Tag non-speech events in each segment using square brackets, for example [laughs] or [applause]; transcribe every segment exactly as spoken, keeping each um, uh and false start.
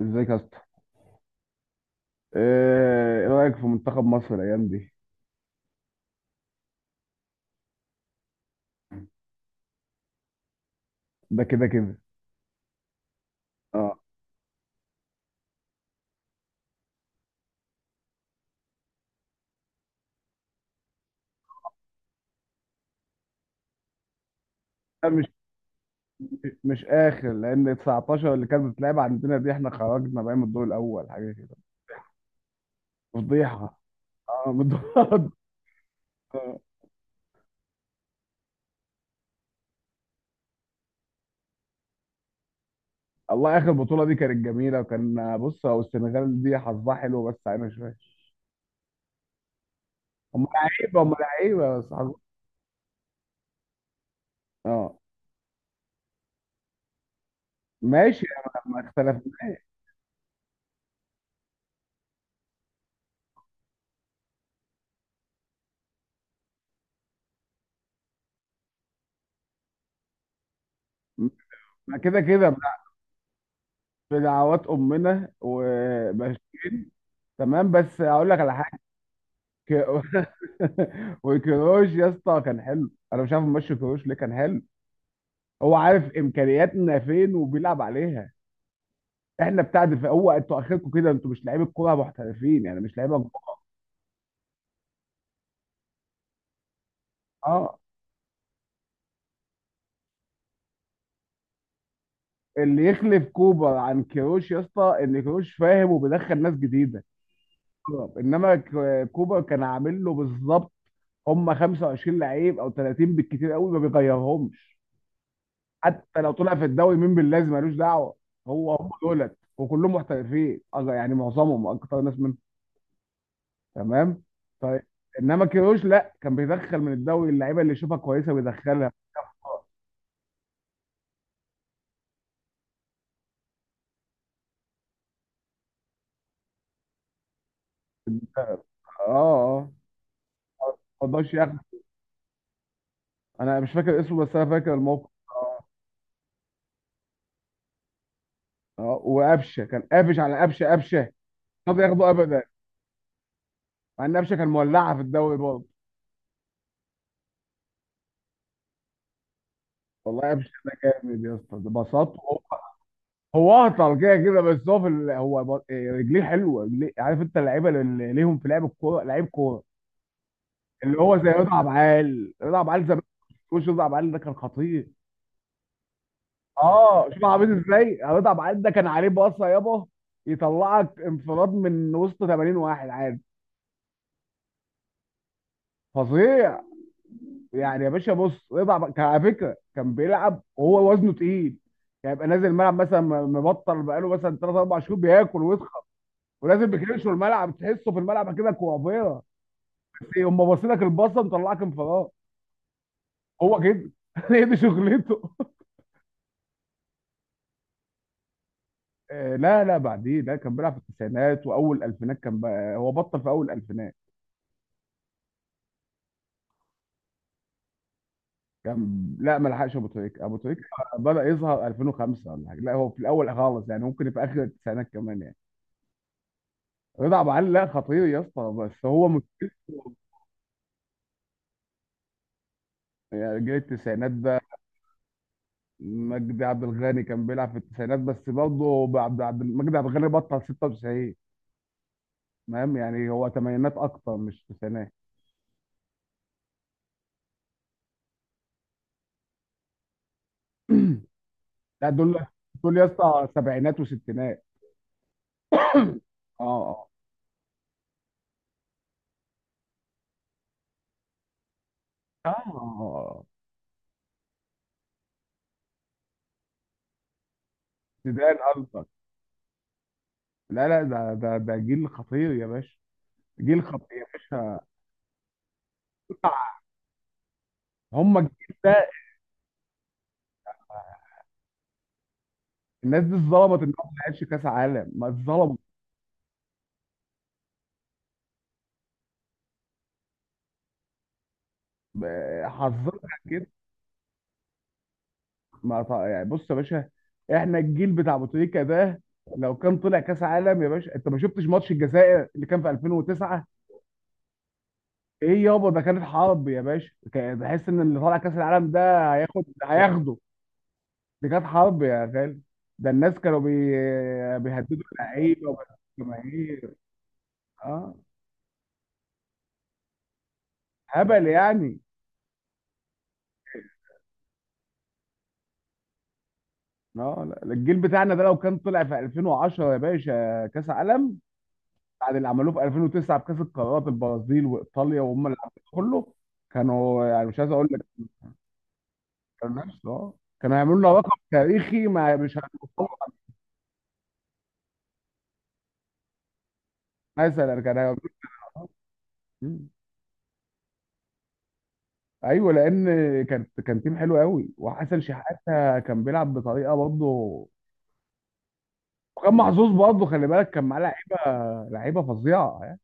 ازيك يا اسطى؟ ايه إيه رايك في منتخب مصر الايام دي؟ ده كده كده. اه. ده مش مش اخر، لان تسعتاشر اللي كانت بتلعب عندنا دي احنا خرجنا بقى من الدور الاول، حاجه كده. فضيحه. اه، من الدور [laughs] آه. الله، اخر بطوله دي كانت جميله، وكان بص، هو السنغال دي حظها حلو بس عينها شويه. هم لعيبه، هم لعيبه، بس حظ. اه. ماشي. ما ما اختلف. ما كده كده. بدعوات امنا وبس. تمام، بس هقول لك على ك... [laughs] وكروش يا اسطى كان حلو، انا مش عارف ماشي كروش ليه كان حلو. هو عارف امكانياتنا فين وبيلعب عليها. احنا بتاع دفاع، هو انتوا اخركم كده، انتوا مش لعيبه كوره محترفين يعني، مش لعيبه كبار. اه. اللي يخلف كوبر عن كروش يا اسطى ان كروش فاهم وبيدخل ناس جديده. انما ك- كوبر كان عامل له بالظبط، هم خمسة وعشرين لعيب او تلاتين بالكتير قوي، ما بيغيرهمش. حتى لو طلع في الدوري مين باللازم ملوش دعوه. هو هم دولت وكلهم محترفين، أغ- يعني معظمهم اكتر ناس منهم. تمام. طيب. انما كيروش لا، كان بيدخل من الدوري اللعيبه اللي يشوفها كويسه بيدخلها. اه. اه. آه. ما رضاش ياخد. انا مش فاكر اسمه بس انا فاكر الموقف. اه، وقفشه كان قافش على قفشه، قفشه مش راضي ياخده ابدا، مع ان قفشه كان مولعه في الدوري برضه. والله قفشه جامد يا اسطى، ده بساطه. هو اهطل كده كده، بس هو في ال... هو ب- إيه، رجليه حلوه، رجليه عارف انت، اللعيبه اللي ليهم في لعب الكوره، لعيب كوره، اللي هو زي رضا عبعال. رضا عبعال زمان، وش رضا عبعال ده كان خطير. اه، شوف عبيط ازاي، رضا عبعال ده كان عليه باصه يابا، يطلعك انفراد من وسط تمانين واحد عادي. فظيع. يعني يا باشا، بص، رضا عبعال كان على فكره كان بيلعب وهو وزنه تقيل، يعني يبقى نازل الملعب مثلا مبطل بقاله مثلا ثلاثة اربعه شهور بياكل ويتخن، ولازم بيكرش الملعب، تحسه في الملعب كده كوافير. ايه، هم باصين لك الباصه مطلعك انفراد. هو كده. [laughs] هي دي شغلته. آه، لا لا، بعديه، لا كان بيلعب في التسعينات واول الفينات، كان بقى هو بطل في اول الفينات. كان لا، ما لحقش ابو تريكه. ابو تريكه بدا يظهر ألفين وخمسة ولا حاجه، لا هو في الاول خالص، يعني ممكن في اخر التسعينات كمان يعني. رضا عبد العال، لا خطير يا اسطى، بس هو مش- يعني جيل التسعينات ده، مجدي عبد الغني كان بيلعب في التسعينات، بس برضه عبد عبد مجدي عبد الغني بطل ستة وتسعين. فاهم يعني، هو تمانينات اكتر مش تسعينات. لا دول، دول يا اسطى سبعينات وستينات. اه. اه. اه. زيدان قصدك. لا لا، ده ده ده جيل خطير يا باشا، جيل خطير يا باشا. هم الجيل ده، الناس دي اتظلمت ان هو ما لعبش كاس عالم، ما اتظلمت. ب- حظنا كده. ما ط- يعني بص يا باشا، احنا الجيل بتاع بوتريكا ده، لو كان طلع كاس عالم يا باشا، انت ما شفتش ماتش الجزائر اللي كان في الفين وتسعه. ايه يابا، ده كانت حرب يا باشا، كان- بحس ان اللي طالع كاس العالم ده هياخد هياخده. دي كانت حرب يا غالي. ده الناس كانوا بي... بيهددوا اللعيبه والجماهير. اه. هبل يعني. اه، لا، الجيل بتاعنا ده لو كان طلع في الفين وعشرة يا باشا كاس عالم، بعد اللي عملوه في الفين وتسعه بكاس القارات، البرازيل وايطاليا وهم اللي عملوه كله، كانوا يعني مش عايز اقول لك، كانوا نفس اه، كانوا هيعملوا لنا رقم تاريخي ما مش هنتصور. مثلا كان هيعملوا. آه. مم. ايوه، لان كان كان تيم حلو قوي، وحسن شحاته كان بيلعب بطريقه برضه، وكان محظوظ برضه، خلي بالك كان معاه لعيبه، لعيبه فظيعه يعني.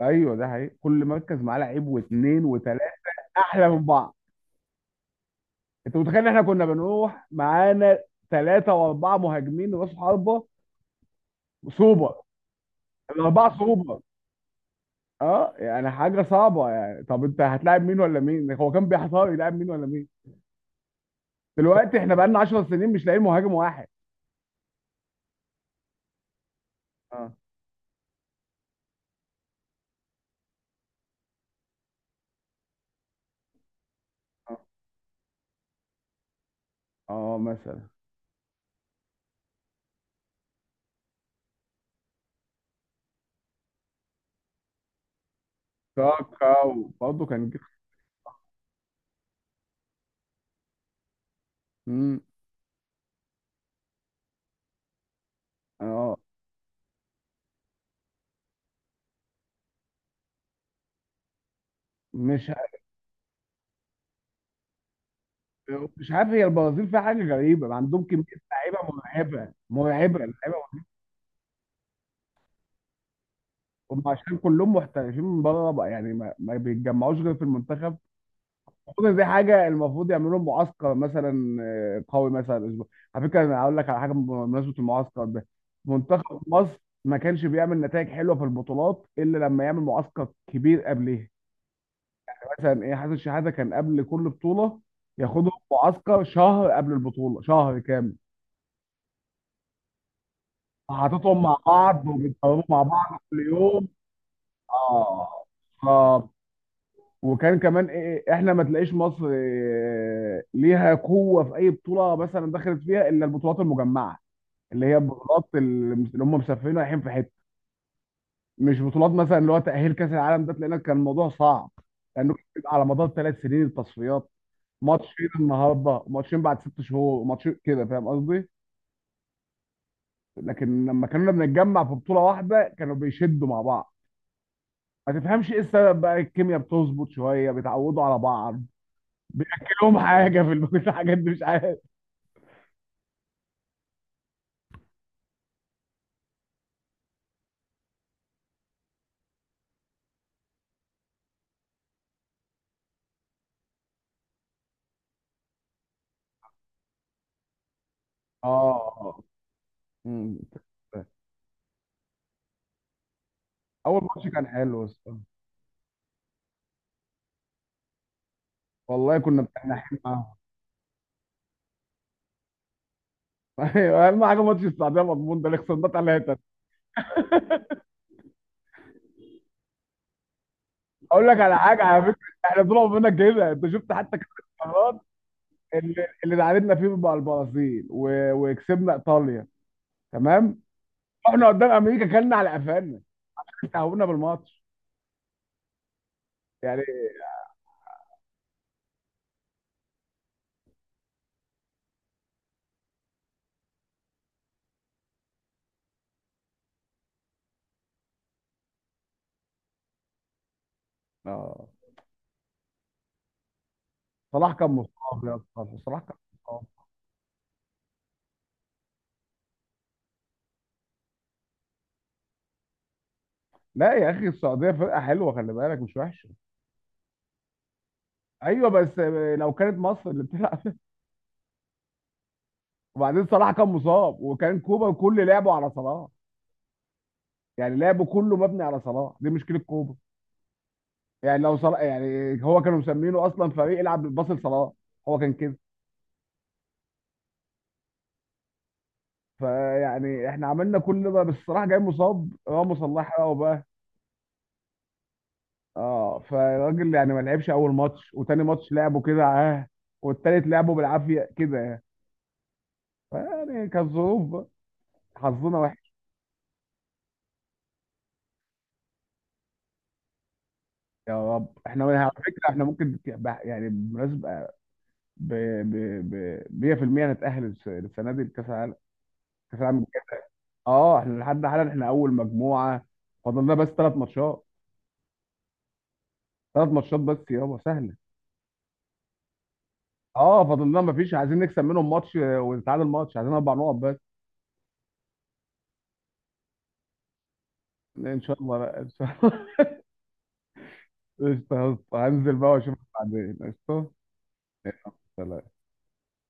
ايوه ده حقيقي، كل مركز معاه لعيب واثنين وثلاثه، احلى من بعض. انت متخيل ان احنا كنا بنروح معانا ثلاثه واربعه مهاجمين راس حربه، سوبر، الاربعه سوبر. اه يعني حاجه صعبه يعني، طب انت هتلاعب مين ولا مين؟ هو كان بيحتار يلاعب مين ولا مين. دلوقتي احنا بقالنا 10 سنين مش لاقيين مهاجم واحد. اه. اه. آه، مثلا. كاكا. برضه كان جه- مم. اه، مش مش عارف، هي البرازيل فيها حاجه غريبه، عندهم كميه لعيبه مرعبه، مرعبه لعيبه. هم عشان كلهم محترفين من بره بقى، يعني ما, ما بيتجمعوش غير في المنتخب. المفروض دي حاجه، المفروض يعملوا لهم معسكر مثلا، آه، قوي، مثلا اسبوع. على فكره انا هقول لك على حاجه بمناسبه المعسكر ده. منتخب مصر ما كانش بيعمل نتائج حلوه في البطولات الا لما يعمل معسكر كبير قبليها. يعني مثلا ايه، حسن شحاته كان قبل كل بطوله ياخدهم معسكر شهر قبل البطوله، شهر كامل. حاططهم مع بعض وبيتكلموا مع بعض كل يوم. اه. ف- وكان كمان ايه، إيه، احنا ما تلاقيش مصر إيه ليها قوه في اي بطوله مثلا دخلت فيها الا البطولات المجمعه، اللي هي البطولات اللي اللي هم مسافرين رايحين في حته. مش بطولات مثلا اللي هو تاهيل كاس العالم ده، لان كان الموضوع صعب، لانه كان بيبقى على مدار ثلاث سنين التصفيات. ماتشين النهارده، وماتشين بعد ست شهور، وماتشين كده، فاهم قصدي؟ لكن لما كنا بنتجمع في بطوله واحده كانوا بيشدوا مع بعض. ما تفهمش ايه السبب بقى، الكيمياء بتظبط شويه بيتعودوا على بعض. بياكلهم حاجه في الب- في الحاجات دي مش عارف. اه. مم. اول ماتش كان حلو بس. والله كنا بتنحين معاهم. ايوه، اهم حاجه ماتش السعوديه مضمون، ده اللي خسرنا ثلاثه. اقول لك على حاجه على فكره، احنا طلعوا مننا كده، انت شفت حتى كام المرات اللي اللي تعادلنا فيه مع البرازيل و... وكسبنا ايطاليا، تمام، رحنا قدام امريكا كلنا على قفانا، استهونا بالماتش يعني. اه. صلاح كان مصاب يا اسطى، صلاح كان مصاب. لا يا اخي، السعوديه فرقه حلوه، خلي بالك، مش وحشه. ايوه بس لو كانت مصر اللي بتلعب. [laughs] وبعدين صلاح كان مصاب، وكان كوبا كل لعبه على صلاح، يعني لعبه كله مبني على صلاح، دي مشكله كوبا. يعني لو صلاح، يعني هو كانوا مسمينه اصلا فريق يلعب بالباص لصلاح، هو كان كده. فيعني احنا عملنا كل ده، بس صلاح جاي مصاب، راموس الله يحرقه بقى. اه، فالراجل يعني ما لعبش اول ماتش، وتاني ماتش لعبه كده اه، والتالت لعبه بالعافيه كده. يعني كالظروف بقى. حظنا وحش. يا رب، احنا على فكره احنا ممكن ك- بح- يعني بالمناسبه ب ب ب ميه في الميه نتاهل الس- السنه دي لكاس العالم، كاس العالم الجاي. اه، احنا لحد حالا احنا اول مجموعه. فاضلنا بس ثلاث ماتشات، ثلاث ماتشات بس يابا سهله. اه، فاضلنا ما فيش، عايزين نكسب منهم ماتش آه، ونتعادل ماتش، عايزين اربع نقط بس. ان شاء الله بقى، ان شاء الله. [laughs] قشطة يا اسطى. هنزل بقى واشوفك بعدين. قشطه. يلا، سلام.